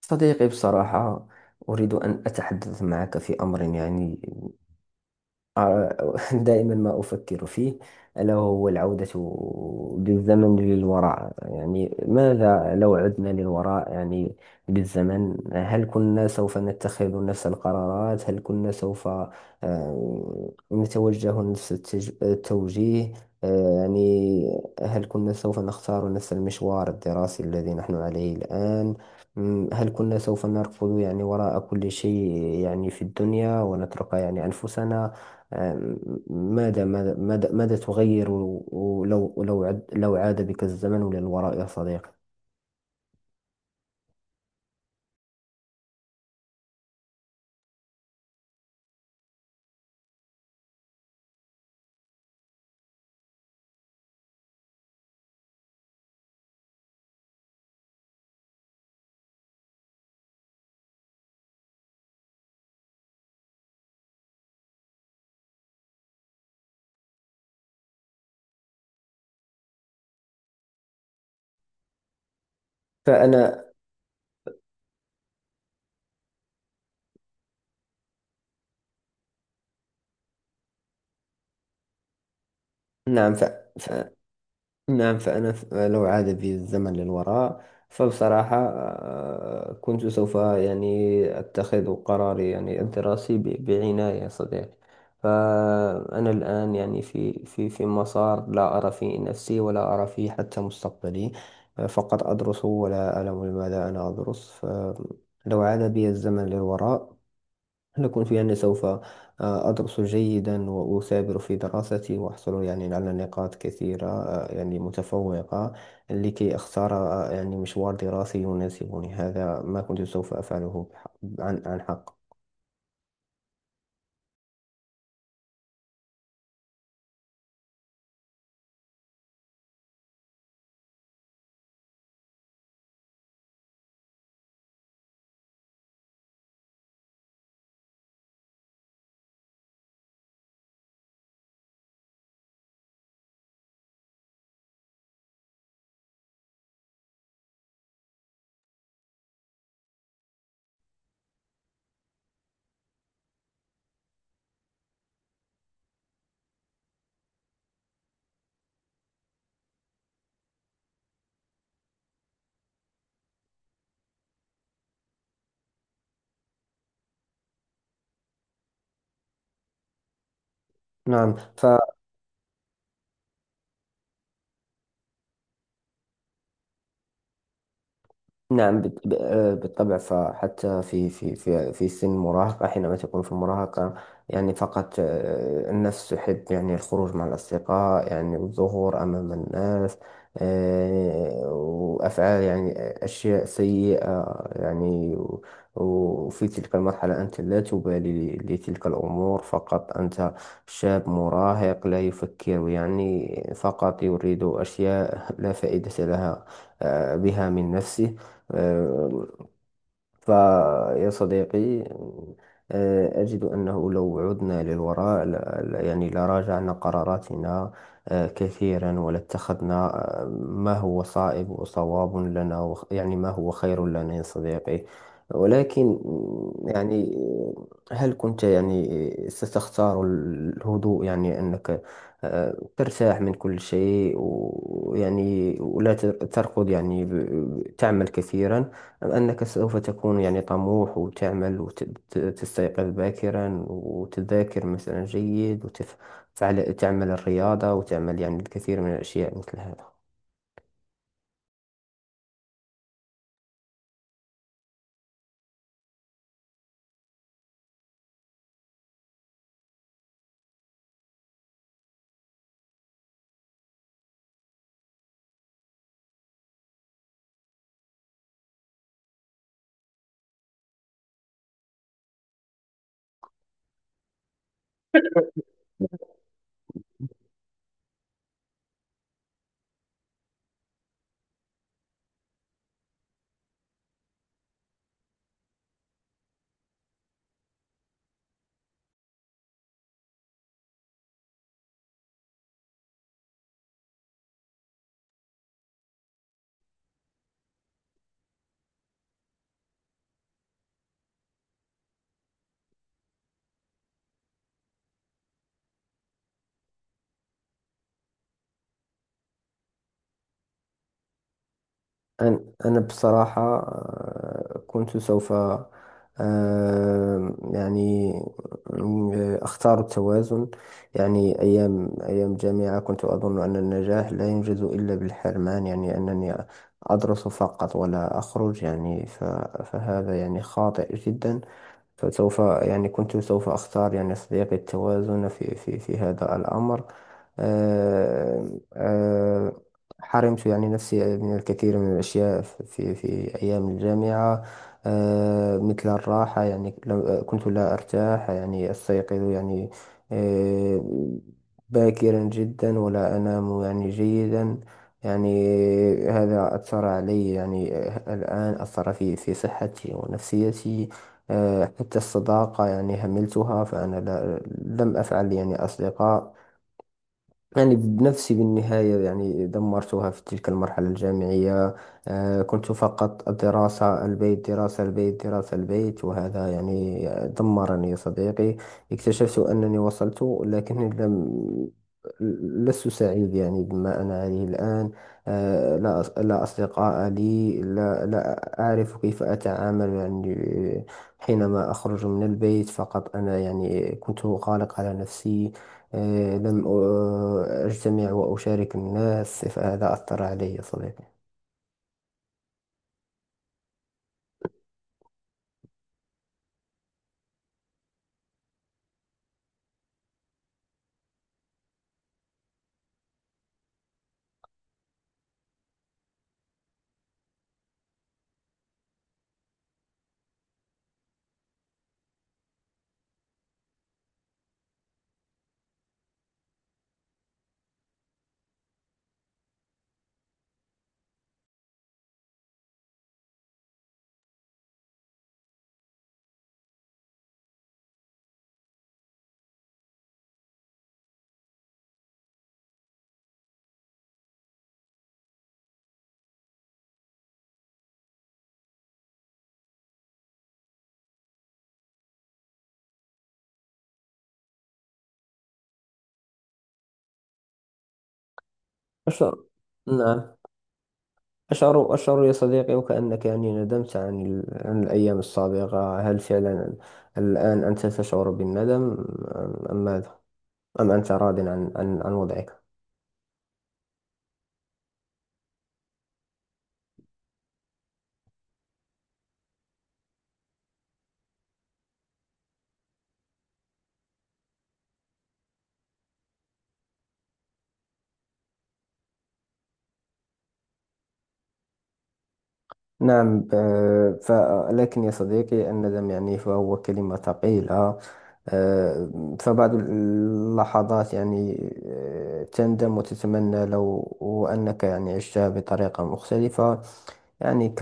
صديقي بصراحة، أريد أن أتحدث معك في أمر يعني دائما ما أفكر فيه، ألا وهو العودة بالزمن للوراء. يعني ماذا لو عدنا للوراء يعني بالزمن، هل كنا سوف نتخذ نفس القرارات؟ هل كنا سوف نتوجه نفس التوجيه؟ يعني هل كنا سوف نختار نفس المشوار الدراسي الذي نحن عليه الآن؟ هل كنا سوف نركض يعني وراء كل شيء يعني في الدنيا، ونترك يعني أنفسنا؟ آه، ماذا تغير؟ ولو لو لو عاد بك الزمن للوراء يا صديقي؟ فأنا، نعم. ف... نعم، فأنا لو عاد بي الزمن للوراء فبصراحة كنت سوف يعني أتخذ قراري يعني الدراسي بعناية يا صديقي. فأنا الآن يعني في مسار لا أرى فيه نفسي، ولا أرى فيه حتى مستقبلي. فقط أدرس ولا أعلم لماذا أنا أدرس. فلو عاد بي الزمن للوراء نكون في أني سوف أدرس جيدا وأثابر في دراستي، وأحصل يعني على نقاط كثيرة يعني متفوقة، لكي أختار يعني مشوار دراسي يناسبني. هذا ما كنت سوف أفعله عن حق. نعم، ف. نعم، بالطبع. فحتى في سن المراهقة، حينما تكون في المراهقة يعني فقط النفس تحب يعني الخروج مع الأصدقاء يعني والظهور أمام الناس، وأفعال يعني أشياء سيئة يعني وفي تلك المرحلة أنت لا تبالي لتلك الأمور. فقط أنت شاب مراهق لا يفكر يعني، فقط يريد أشياء لا فائدة لها بها من نفسه. آه، فيا صديقي، أجد أنه لو عدنا للوراء يعني لراجعنا قراراتنا كثيرا، ولاتخذنا ما هو صائب وصواب لنا، يعني ما هو خير لنا يا صديقي. ولكن يعني هل كنت يعني ستختار الهدوء، يعني أنك ترتاح من كل شيء ويعني ولا تركض يعني تعمل كثيرا؟ أم أنك سوف تكون يعني طموح، وتعمل، وتستيقظ باكرا، وتذاكر مثلا جيد، وتفعل تعمل الرياضة، وتعمل يعني الكثير من الأشياء مثل هذا؟ أن- أنا بصراحة كنت سوف يعني أختار التوازن. يعني أيام جامعة كنت أظن أن النجاح لا ينجز إلا بالحرمان، يعني أنني أدرس فقط ولا أخرج يعني فهذا يعني خاطئ جدا. فسوف يعني كنت سوف أختار يعني صديقي التوازن في هذا الأمر. آه، آه، حرمت يعني نفسي من الكثير من الأشياء في أيام الجامعة، مثل الراحة. يعني كنت لا أرتاح يعني، أستيقظ يعني آه، باكرا جدا، ولا أنام يعني جيدا يعني. هذا أثر علي يعني الآن، أثر في صحتي ونفسيتي. حتى الصداقة يعني هملتها، فأنا لا لم أفعل يعني أصدقاء يعني بنفسي. بالنهاية يعني دمرتها في تلك المرحلة الجامعية. كنت فقط الدراسة البيت، دراسة البيت، دراسة البيت، وهذا يعني دمرني يا صديقي. اكتشفت أنني وصلت، لكني لم لست سعيد يعني بما أنا عليه الآن. لا لا أصدقاء لي، لا أعرف كيف أتعامل يعني حينما أخرج من البيت. فقط أنا يعني كنت غالق على نفسي، لم أجتمع وأشارك الناس، فهذا أثر علي يا صديقي. أشعر، نعم، أشعر يا صديقي وكأنك يعني ندمت عن عن الأيام السابقة. هل فعلا الآن أنت تشعر بالندم؟ أم ماذا؟ أم أنت راض عن عن وضعك؟ نعم، آه، ف لكن يا صديقي الندم يعني فهو كلمة ثقيلة. آه، فبعض اللحظات يعني تندم وتتمنى لو أنك يعني عشتها بطريقة مختلفة. يعني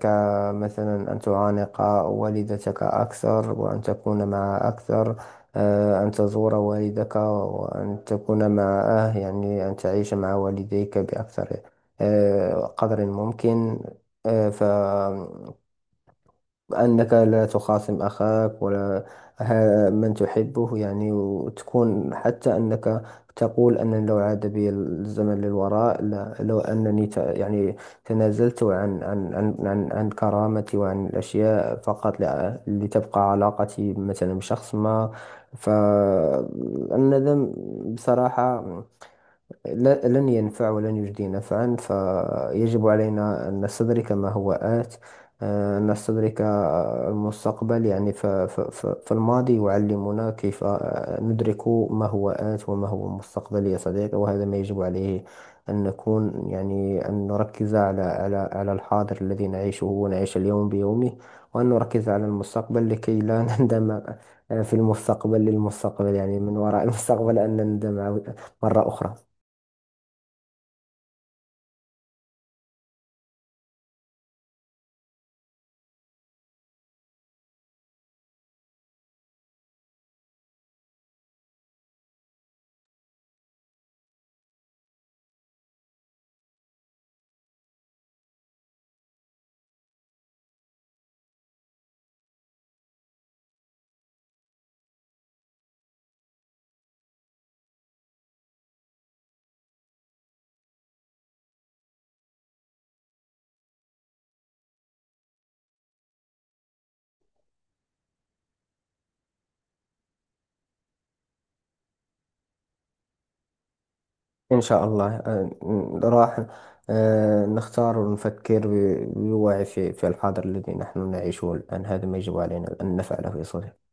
كمثلا أن تعانق والدتك أكثر، وأن تكون معها أكثر، أن تزور والدك وأن تكون معه، يعني أن تعيش مع والديك بأكثر قدر ممكن. آه، فأنك لا تخاصم أخاك، ولا من تحبه يعني، وتكون حتى أنك تقول أن لو عاد بي الزمن للوراء، لا لو أنني يعني تنازلت عن عن كرامتي وعن الأشياء، فقط لتبقى علاقتي مثلا بشخص ما. فالندم بصراحة لن ينفع ولن يجدي نفعا. فيجب علينا أن نستدرك ما هو آت، أن نستدرك المستقبل. يعني فالماضي يعلمنا كيف ندرك ما هو آت وما هو المستقبل يا صديقي. وهذا ما يجب عليه أن نكون يعني، أن نركز على الحاضر الذي نعيشه، ونعيش اليوم بيومه، وأن نركز على المستقبل لكي لا نندم في المستقبل، للمستقبل، يعني من وراء المستقبل أن نندم مرة أخرى. إن شاء الله راح نختار ونفكر بوعي في الحاضر الذي نحن نعيشه الآن. هذا ما يجب علينا أن نفعله يا صديقي.